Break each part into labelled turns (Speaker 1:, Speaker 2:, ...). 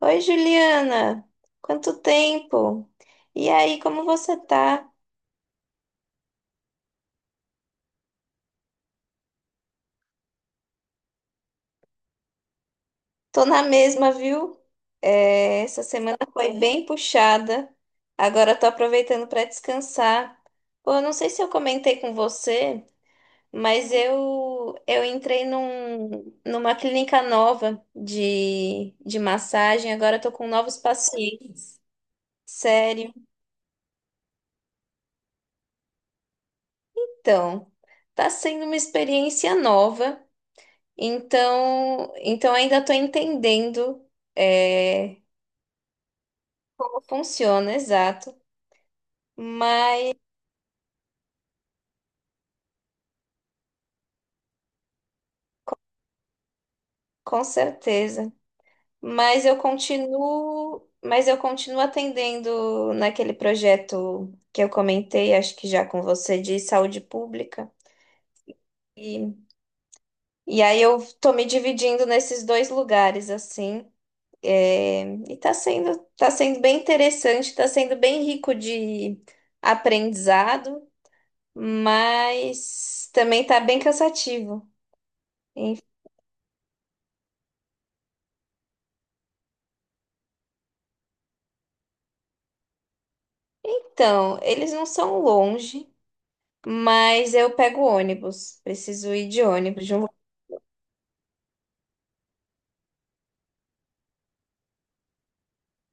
Speaker 1: Oi, Juliana! Quanto tempo! E aí, como você tá? Tô na mesma, viu? Essa semana foi bem puxada. Agora tô aproveitando para descansar. Pô, eu não sei se eu comentei com você, mas eu entrei numa clínica nova de massagem. Agora eu tô com novos pacientes. Sério, então. Tá sendo uma experiência nova. Então ainda estou entendendo é, como funciona, exato. Mas com certeza. Mas eu continuo atendendo naquele projeto que eu comentei, acho que já com você, de saúde pública. E, e aí eu tô me dividindo nesses dois lugares, assim. E tá sendo bem interessante, tá sendo bem rico de aprendizado, mas também tá bem cansativo. Então, eles não são longe, mas eu pego ônibus. Preciso ir de ônibus, de um lugar-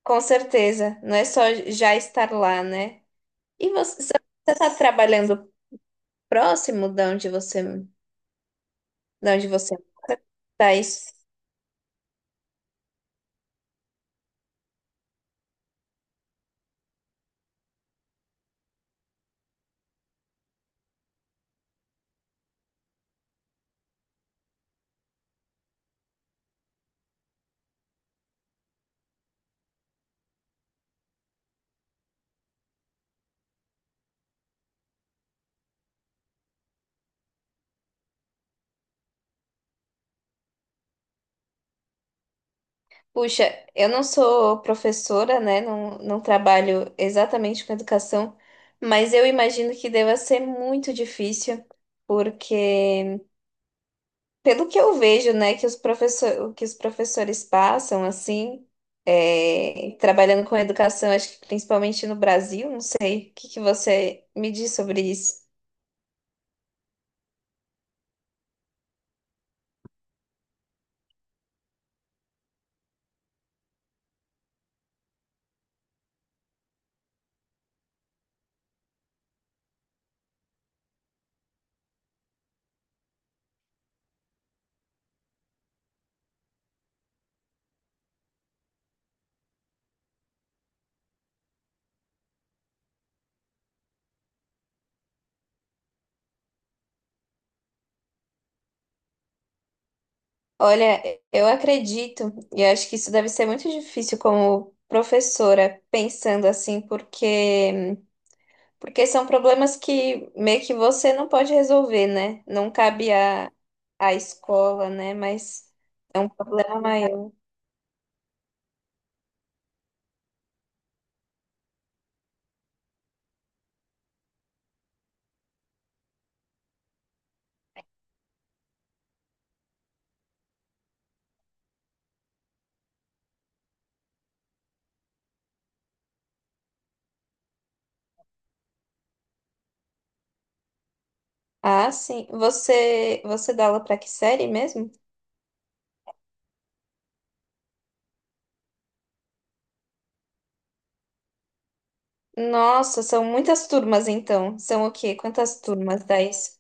Speaker 1: com certeza. Não é só já estar lá, né? E você, tá trabalhando próximo de onde você está? Isso. Puxa, eu não sou professora, né? Não, não trabalho exatamente com educação, mas eu imagino que deva ser muito difícil, porque pelo que eu vejo, né, que que os professores passam, assim, trabalhando com educação, acho que principalmente no Brasil, não sei, o que que você me diz sobre isso? Olha, eu acredito, e eu acho que isso deve ser muito difícil como professora, pensando assim, porque são problemas que meio que você não pode resolver, né? Não cabe à escola, né? Mas é um problema maior. Ah, sim. Você, você dá aula para que série mesmo? Nossa, são muitas turmas então. São o quê? Quantas turmas dá isso?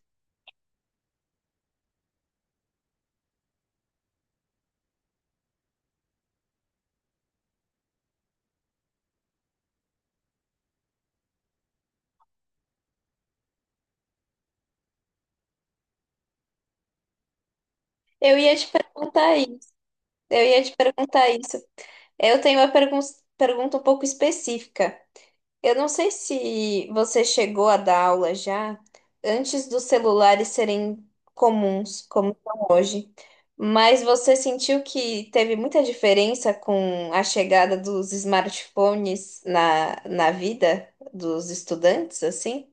Speaker 1: Eu ia te perguntar isso. Eu ia te perguntar isso. Eu tenho uma pergun pergunta um pouco específica. Eu não sei se você chegou a dar aula já antes dos celulares serem comuns, como são hoje, mas você sentiu que teve muita diferença com a chegada dos smartphones na vida dos estudantes, assim?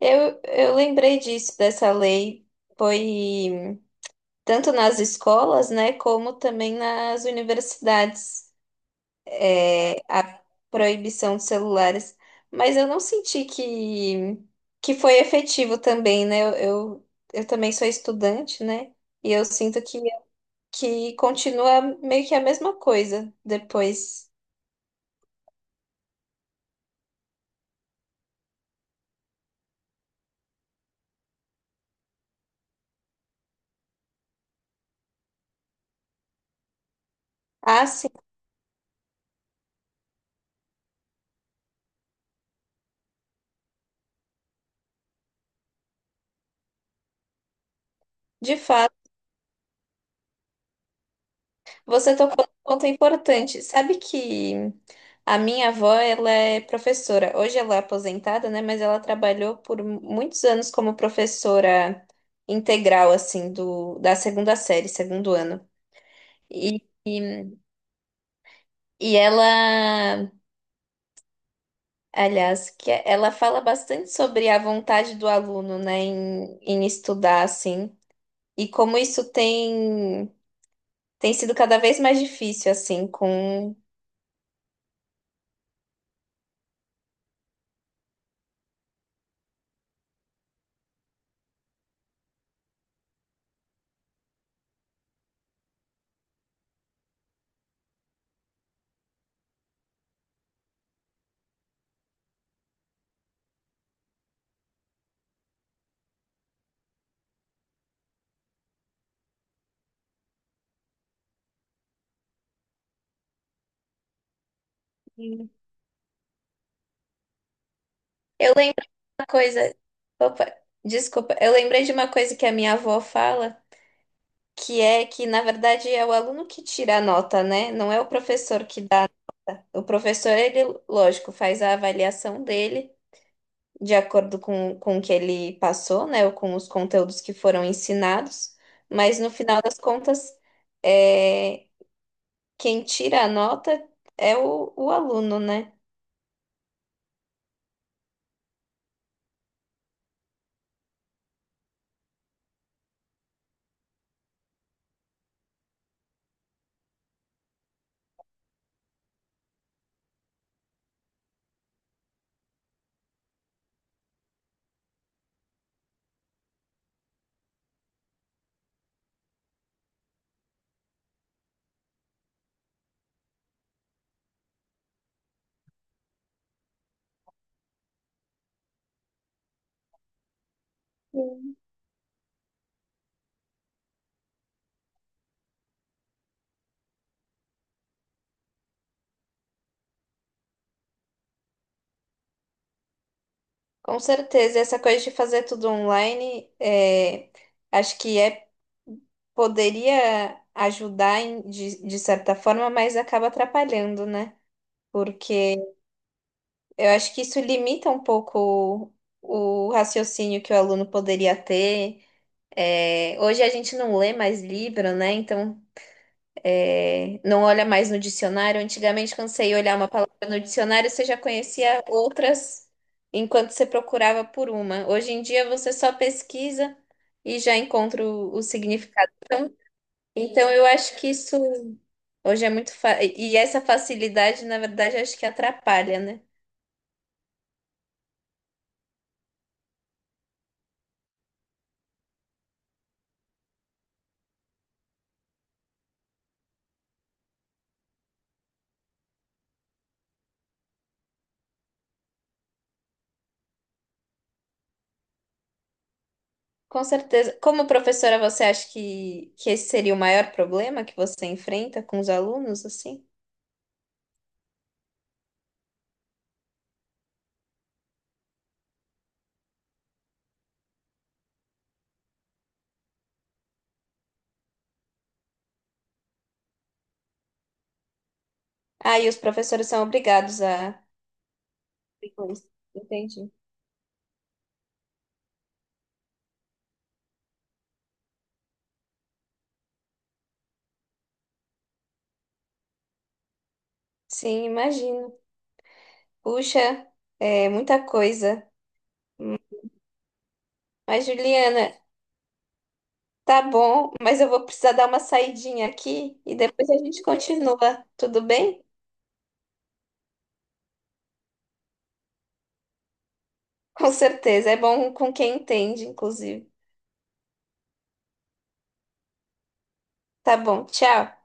Speaker 1: Eu lembrei disso, dessa lei, foi tanto nas escolas, né, como também nas universidades. A proibição de celulares, mas eu não senti que foi efetivo também, né? Eu também sou estudante, né? E eu sinto que continua meio que a mesma coisa depois. Ah, sim, de fato. Você tocou num ponto importante. Sabe que a minha avó, ela é professora. Hoje ela é aposentada, né? Mas ela trabalhou por muitos anos como professora integral, assim, da segunda série, segundo ano. E, e ela, aliás, que é, ela fala bastante sobre a vontade do aluno, né, em estudar, assim, e como isso tem sido cada vez mais difícil, assim, com eu lembro de uma coisa. Opa, desculpa. Eu lembrei de uma coisa que a minha avó fala, que é que, na verdade, é o aluno que tira a nota, né? Não é o professor que dá. O professor, ele, lógico, faz a avaliação dele de acordo com o que ele passou, né? Ou com os conteúdos que foram ensinados. Mas, no final das contas, é, quem tira a nota é o aluno, né? Com certeza, essa coisa de fazer tudo online, acho que é, poderia ajudar em- de certa forma, mas acaba atrapalhando, né? Porque eu acho que isso limita um pouco o raciocínio que o aluno poderia ter. É, hoje a gente não lê mais livro, né? Então é, não olha mais no dicionário. Antigamente, quando você ia olhar uma palavra no dicionário, você já conhecia outras enquanto você procurava por uma. Hoje em dia, você só pesquisa e já encontra o significado. Então, eu acho que isso hoje é muito fácil. E essa facilidade, na verdade, acho que atrapalha, né? Com certeza. Como professora, você acha que esse seria o maior problema que você enfrenta com os alunos, assim? Ah, e os professores são obrigados a. Entendi. Sim, imagino. Puxa, é muita coisa. Mas, Juliana, tá bom, mas eu vou precisar dar uma saidinha aqui e depois a gente continua, tudo bem? Com certeza, é bom com quem entende, inclusive. Tá bom, tchau.